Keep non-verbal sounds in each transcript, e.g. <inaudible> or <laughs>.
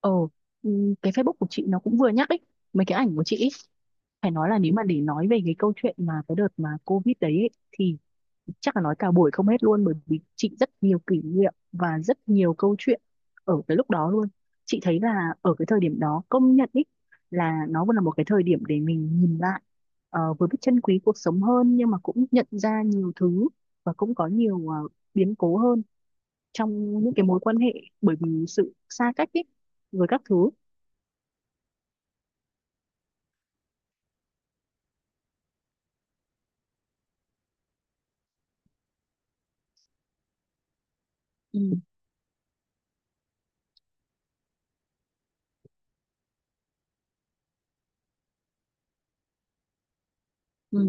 Ờ, cái Facebook của chị nó cũng vừa nhắc ấy, mấy cái ảnh của chị ấy. Phải nói là nếu mà để nói về cái câu chuyện mà cái đợt mà Covid đấy ấy, thì chắc là nói cả buổi không hết luôn, bởi vì chị rất nhiều kỷ niệm và rất nhiều câu chuyện ở cái lúc đó luôn. Chị thấy là ở cái thời điểm đó, công nhận ấy, là nó vẫn là một cái thời điểm để mình nhìn lại, vừa biết trân quý cuộc sống hơn nhưng mà cũng nhận ra nhiều thứ, và cũng có nhiều biến cố hơn trong những cái mối quan hệ, bởi vì sự xa cách ấy với các thứ. Ừ. Ừ,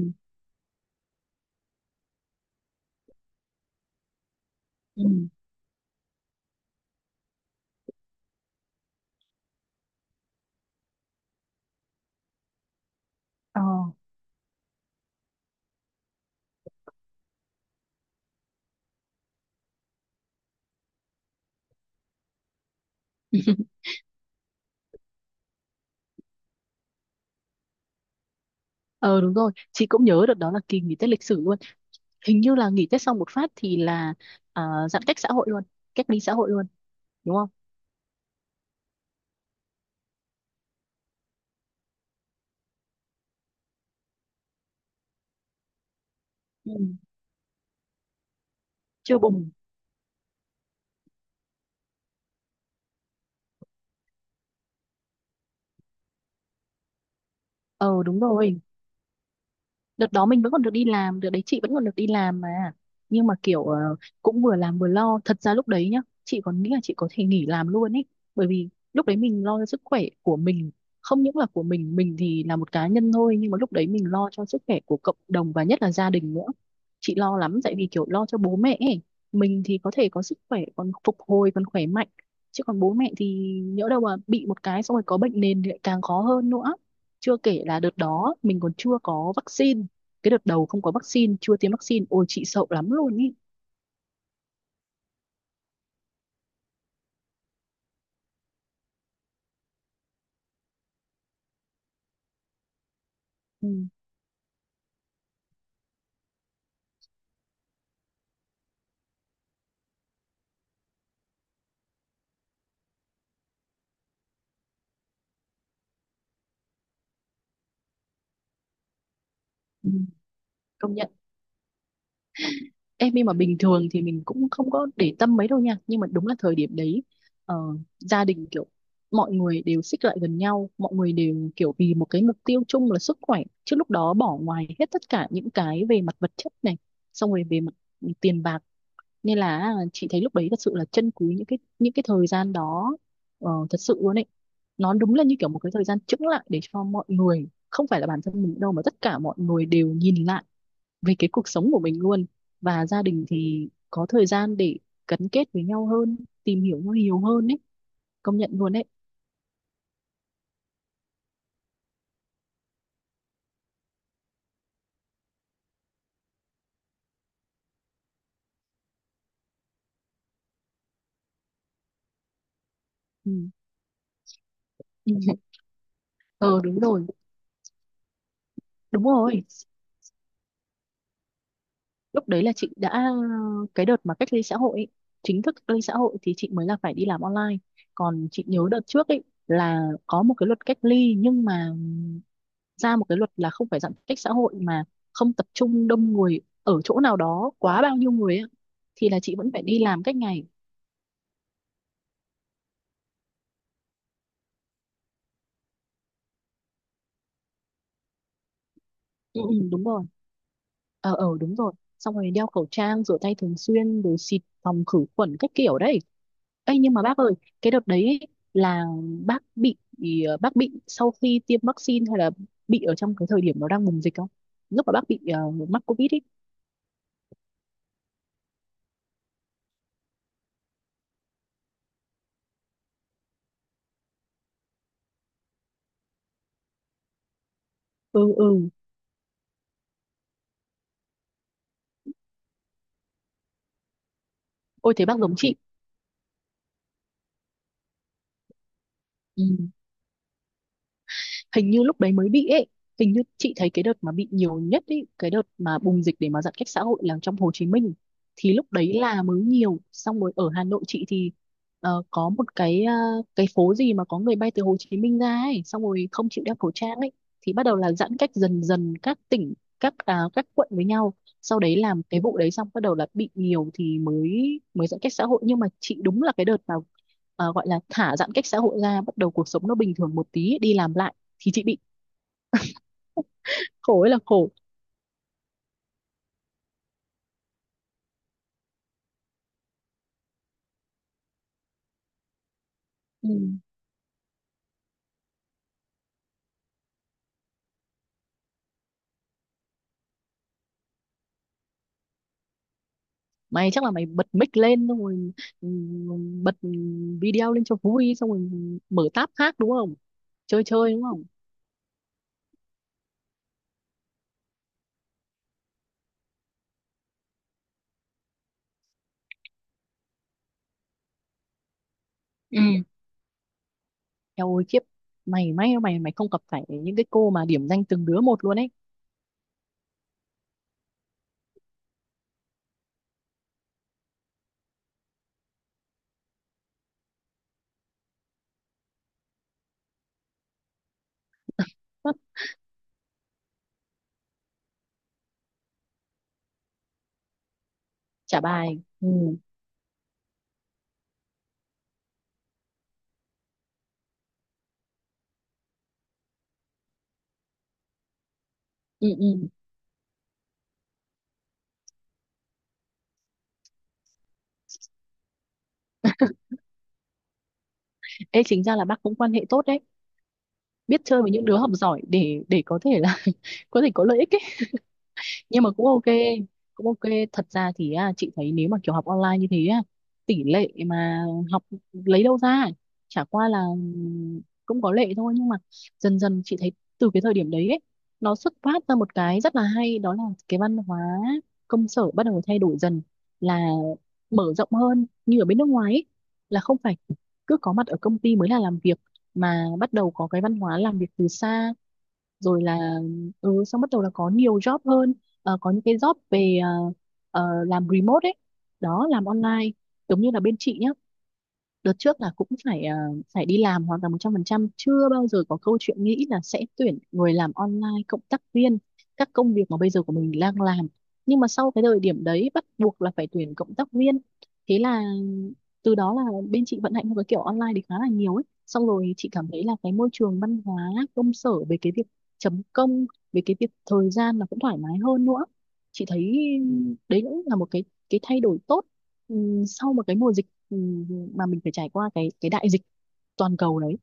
ừ. Ờ. <laughs> Ờ đúng rồi, chị cũng nhớ được đó là kỳ nghỉ Tết lịch sử luôn. Hình như là nghỉ Tết xong một phát thì là, à, giãn cách xã hội luôn, cách ly xã hội luôn, đúng không? Ừ. Chưa bùng. Ờ đúng rồi, đợt đó mình vẫn còn được đi làm, đợt đấy chị vẫn còn được đi làm mà. Nhưng mà kiểu cũng vừa làm vừa lo, thật ra lúc đấy nhá, chị còn nghĩ là chị có thể nghỉ làm luôn ấy, bởi vì lúc đấy mình lo cho sức khỏe của mình. Không những là của mình thì là một cá nhân thôi, nhưng mà lúc đấy mình lo cho sức khỏe của cộng đồng và nhất là gia đình nữa. Chị lo lắm, tại vì kiểu lo cho bố mẹ ấy. Mình thì có thể có sức khỏe, còn phục hồi, còn khỏe mạnh, chứ còn bố mẹ thì nhỡ đâu mà bị một cái xong rồi có bệnh nền thì lại càng khó hơn nữa. Chưa kể là đợt đó mình còn chưa có vaccine, cái đợt đầu không có vaccine, chưa tiêm vaccine, ôi chị sợ lắm luôn ý. Ừ. Ừ. Công nhận em, nhưng mà bình thường thì mình cũng không có để tâm mấy đâu nha, nhưng mà đúng là thời điểm đấy, ờ, gia đình kiểu mọi người đều xích lại gần nhau, mọi người đều kiểu vì một cái mục tiêu chung là sức khỏe, chứ lúc đó bỏ ngoài hết tất cả những cái về mặt vật chất này, xong rồi về mặt tiền bạc. Nên là à, chị thấy lúc đấy thật sự là trân quý những cái thời gian đó, thật sự luôn ấy. Nó đúng là như kiểu một cái thời gian chững lại để cho mọi người, không phải là bản thân mình đâu, mà tất cả mọi người đều nhìn lại về cái cuộc sống của mình luôn. Và gia đình thì có thời gian để gắn kết với nhau hơn, tìm hiểu nhau nhiều hơn ấy, công nhận luôn ấy. Ừ. <laughs> Ờ đúng rồi, đúng rồi, lúc đấy là chị đã, cái đợt mà cách ly xã hội ấy, chính thức cách ly xã hội, thì chị mới là phải đi làm online. Còn chị nhớ đợt trước ấy là có một cái luật cách ly, nhưng mà ra một cái luật là không phải giãn cách xã hội, mà không tập trung đông người ở chỗ nào đó quá bao nhiêu người ấy, thì là chị vẫn phải đi làm cách ngày. Ừ, ừ, đúng rồi. Ờ, ờ, đúng rồi. Xong rồi đeo khẩu trang, rửa tay thường xuyên, rồi xịt phòng khử khuẩn các kiểu đấy. Ê, nhưng mà bác ơi, cái đợt đấy ấy, là bác bị bác bị sau khi tiêm vaccine, hay là bị ở trong cái thời điểm nó đang bùng dịch không? Lúc mà bác bị mắc Covid ấy. Ừ, ừ. Ôi thế bác giống chị. Ừ. Hình như lúc đấy mới bị ấy, hình như chị thấy cái đợt mà bị nhiều nhất ấy, cái đợt mà bùng dịch để mà giãn cách xã hội là trong Hồ Chí Minh, thì lúc đấy là mới nhiều. Xong rồi ở Hà Nội, chị thì có một cái, cái phố gì mà có người bay từ Hồ Chí Minh ra ấy, xong rồi không chịu đeo khẩu trang ấy, thì bắt đầu là giãn cách dần dần các tỉnh, các à, các quận với nhau. Sau đấy làm cái vụ đấy xong, bắt đầu là bị nhiều, thì mới mới giãn cách xã hội. Nhưng mà chị đúng là cái đợt mà gọi là thả giãn cách xã hội ra, bắt đầu cuộc sống nó bình thường một tí, đi làm lại, thì chị bị, khổ ấy là khổ. Ừ. Mày chắc là mày bật mic lên, xong rồi ừ, bật video lên cho vui, xong rồi mở tab khác đúng không, chơi chơi đúng không? Ừ. Eo ôi khiếp, mày may mày mày không gặp phải những cái cô mà điểm danh từng đứa một luôn ấy. Hất, trả bài, ừ. Ừ, ừ. Ê, chính ra là bác cũng quan hệ tốt đấy, biết chơi với những đứa học giỏi để có thể là <laughs> có thể có lợi ích. Nhưng mà cũng ok, cũng ok. Thật ra thì à, chị thấy nếu mà kiểu học online như thế á, tỷ lệ mà học lấy đâu ra, chả qua là cũng có lệ thôi. Nhưng mà dần dần chị thấy, từ cái thời điểm đấy ấy, nó xuất phát ra một cái rất là hay, đó là cái văn hóa công sở bắt đầu thay đổi dần, là mở rộng hơn như ở bên nước ngoài ấy, là không phải cứ có mặt ở công ty mới là làm việc, mà bắt đầu có cái văn hóa làm việc từ xa, rồi là xong bắt đầu là có nhiều job hơn. Có những cái job về làm remote ấy, đó, làm online. Giống như là bên chị nhá, đợt trước là cũng phải đi làm hoàn toàn 100%, chưa bao giờ có câu chuyện nghĩ là sẽ tuyển người làm online, cộng tác viên các công việc mà bây giờ của mình đang làm. Nhưng mà sau cái thời điểm đấy bắt buộc là phải tuyển cộng tác viên, thế là từ đó là bên chị vận hành theo cái kiểu online thì khá là nhiều ấy. Xong rồi chị cảm thấy là cái môi trường văn hóa công sở về cái việc chấm công, về cái việc thời gian là cũng thoải mái hơn nữa, chị thấy đấy cũng là một cái thay đổi tốt, sau một cái mùa dịch, mà mình phải trải qua cái đại dịch toàn cầu đấy.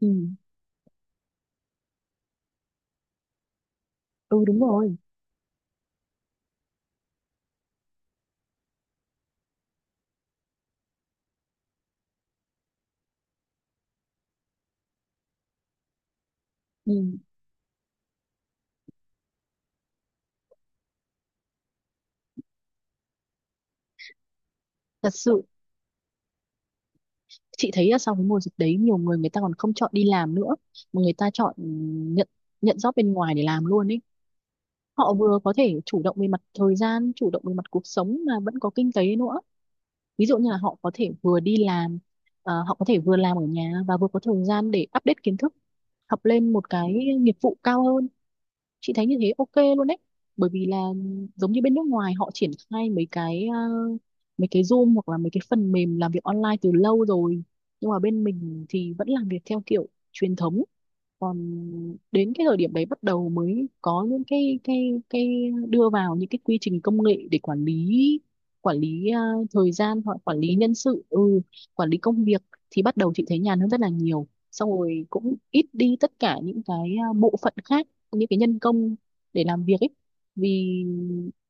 Ừ, ừ đúng rồi. Ừ. Thật sự chị thấy là sau cái mùa dịch đấy, nhiều người người ta còn không chọn đi làm nữa, mà người ta chọn nhận nhận job bên ngoài để làm luôn ấy. Họ vừa có thể chủ động về mặt thời gian, chủ động về mặt cuộc sống, mà vẫn có kinh tế nữa. Ví dụ như là họ có thể vừa đi làm, họ có thể vừa làm ở nhà, và vừa có thời gian để update kiến thức, học lên một cái nghiệp vụ cao hơn, chị thấy như thế ok luôn đấy. Bởi vì là giống như bên nước ngoài, họ triển khai mấy cái, à, mấy cái Zoom hoặc là mấy cái phần mềm làm việc online từ lâu rồi, nhưng mà bên mình thì vẫn làm việc theo kiểu truyền thống. Còn đến cái thời điểm đấy, bắt đầu mới có những cái cái đưa vào những cái quy trình công nghệ để quản lý, quản lý à, thời gian, hoặc quản lý nhân sự, quản lý công việc, thì bắt đầu chị thấy nhàn hơn rất là nhiều. Xong rồi cũng ít đi tất cả những cái, à, bộ phận khác, những cái nhân công để làm việc ấy. Vì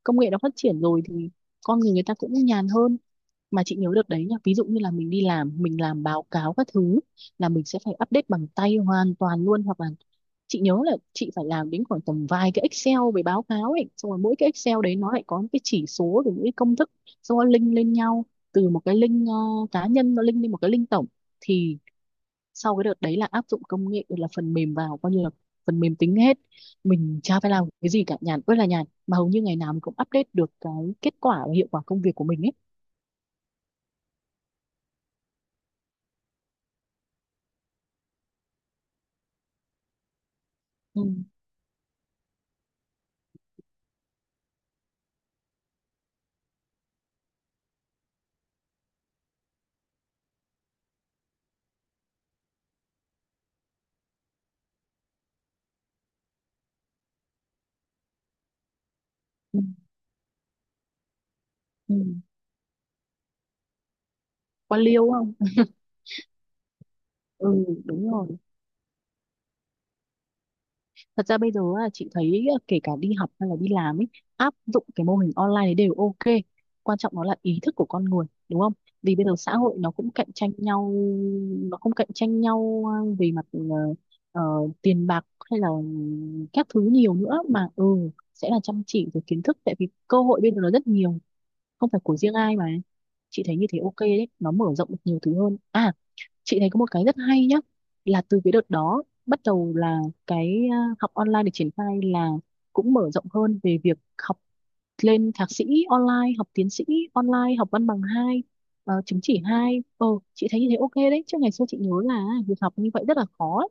công nghệ nó phát triển rồi thì con người, người ta cũng nhàn hơn. Mà chị nhớ được đấy nha, ví dụ như là mình đi làm, mình làm báo cáo các thứ, là mình sẽ phải update bằng tay hoàn toàn luôn. Hoặc là chị nhớ là chị phải làm đến khoảng tầm vài cái Excel về báo cáo ấy, xong rồi mỗi cái Excel đấy nó lại có những cái chỉ số, rồi những cái công thức, xong rồi link lên nhau, từ một cái link cá nhân nó link lên một cái link tổng. Thì sau cái đợt đấy là áp dụng công nghệ, là phần mềm vào, coi như là phần mềm tính hết, mình chả phải làm cái gì cả, nhàn ơi là nhàn, mà hầu như ngày nào mình cũng update được cái kết quả và hiệu quả công việc của mình ấy. Ừ. Ừ. Ừ. Quan liêu không? Ừ, đúng rồi. Thật ra bây giờ á, chị thấy á, kể cả đi học hay là đi làm ấy, áp dụng cái mô hình online đấy đều ok, quan trọng nó là ý thức của con người, đúng không? Vì bây giờ xã hội nó cũng cạnh tranh nhau, nó không cạnh tranh nhau về mặt ờ, tiền bạc, hay là các thứ nhiều nữa, mà sẽ là chăm chỉ rồi kiến thức, tại vì cơ hội bây giờ nó rất nhiều, không phải của riêng ai mà. Chị thấy như thế ok đấy, nó mở rộng được nhiều thứ hơn à. Chị thấy có một cái rất hay nhá, là từ cái đợt đó bắt đầu là cái, à, học online được triển khai, là cũng mở rộng hơn về việc học, lên thạc sĩ online, học tiến sĩ online, học văn bằng hai, chứng chỉ hai, chị thấy như thế ok đấy. Chứ ngày xưa chị nhớ là việc học như vậy rất là khó ấy.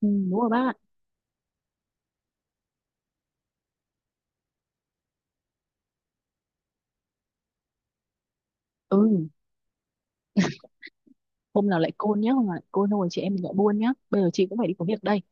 Ừ, đúng rồi bác ạ. Ừ, hôm nào lại côn nhé, hôm nào lại côn thôi, chị em mình lại buôn nhá, bây giờ chị cũng phải đi có việc đây.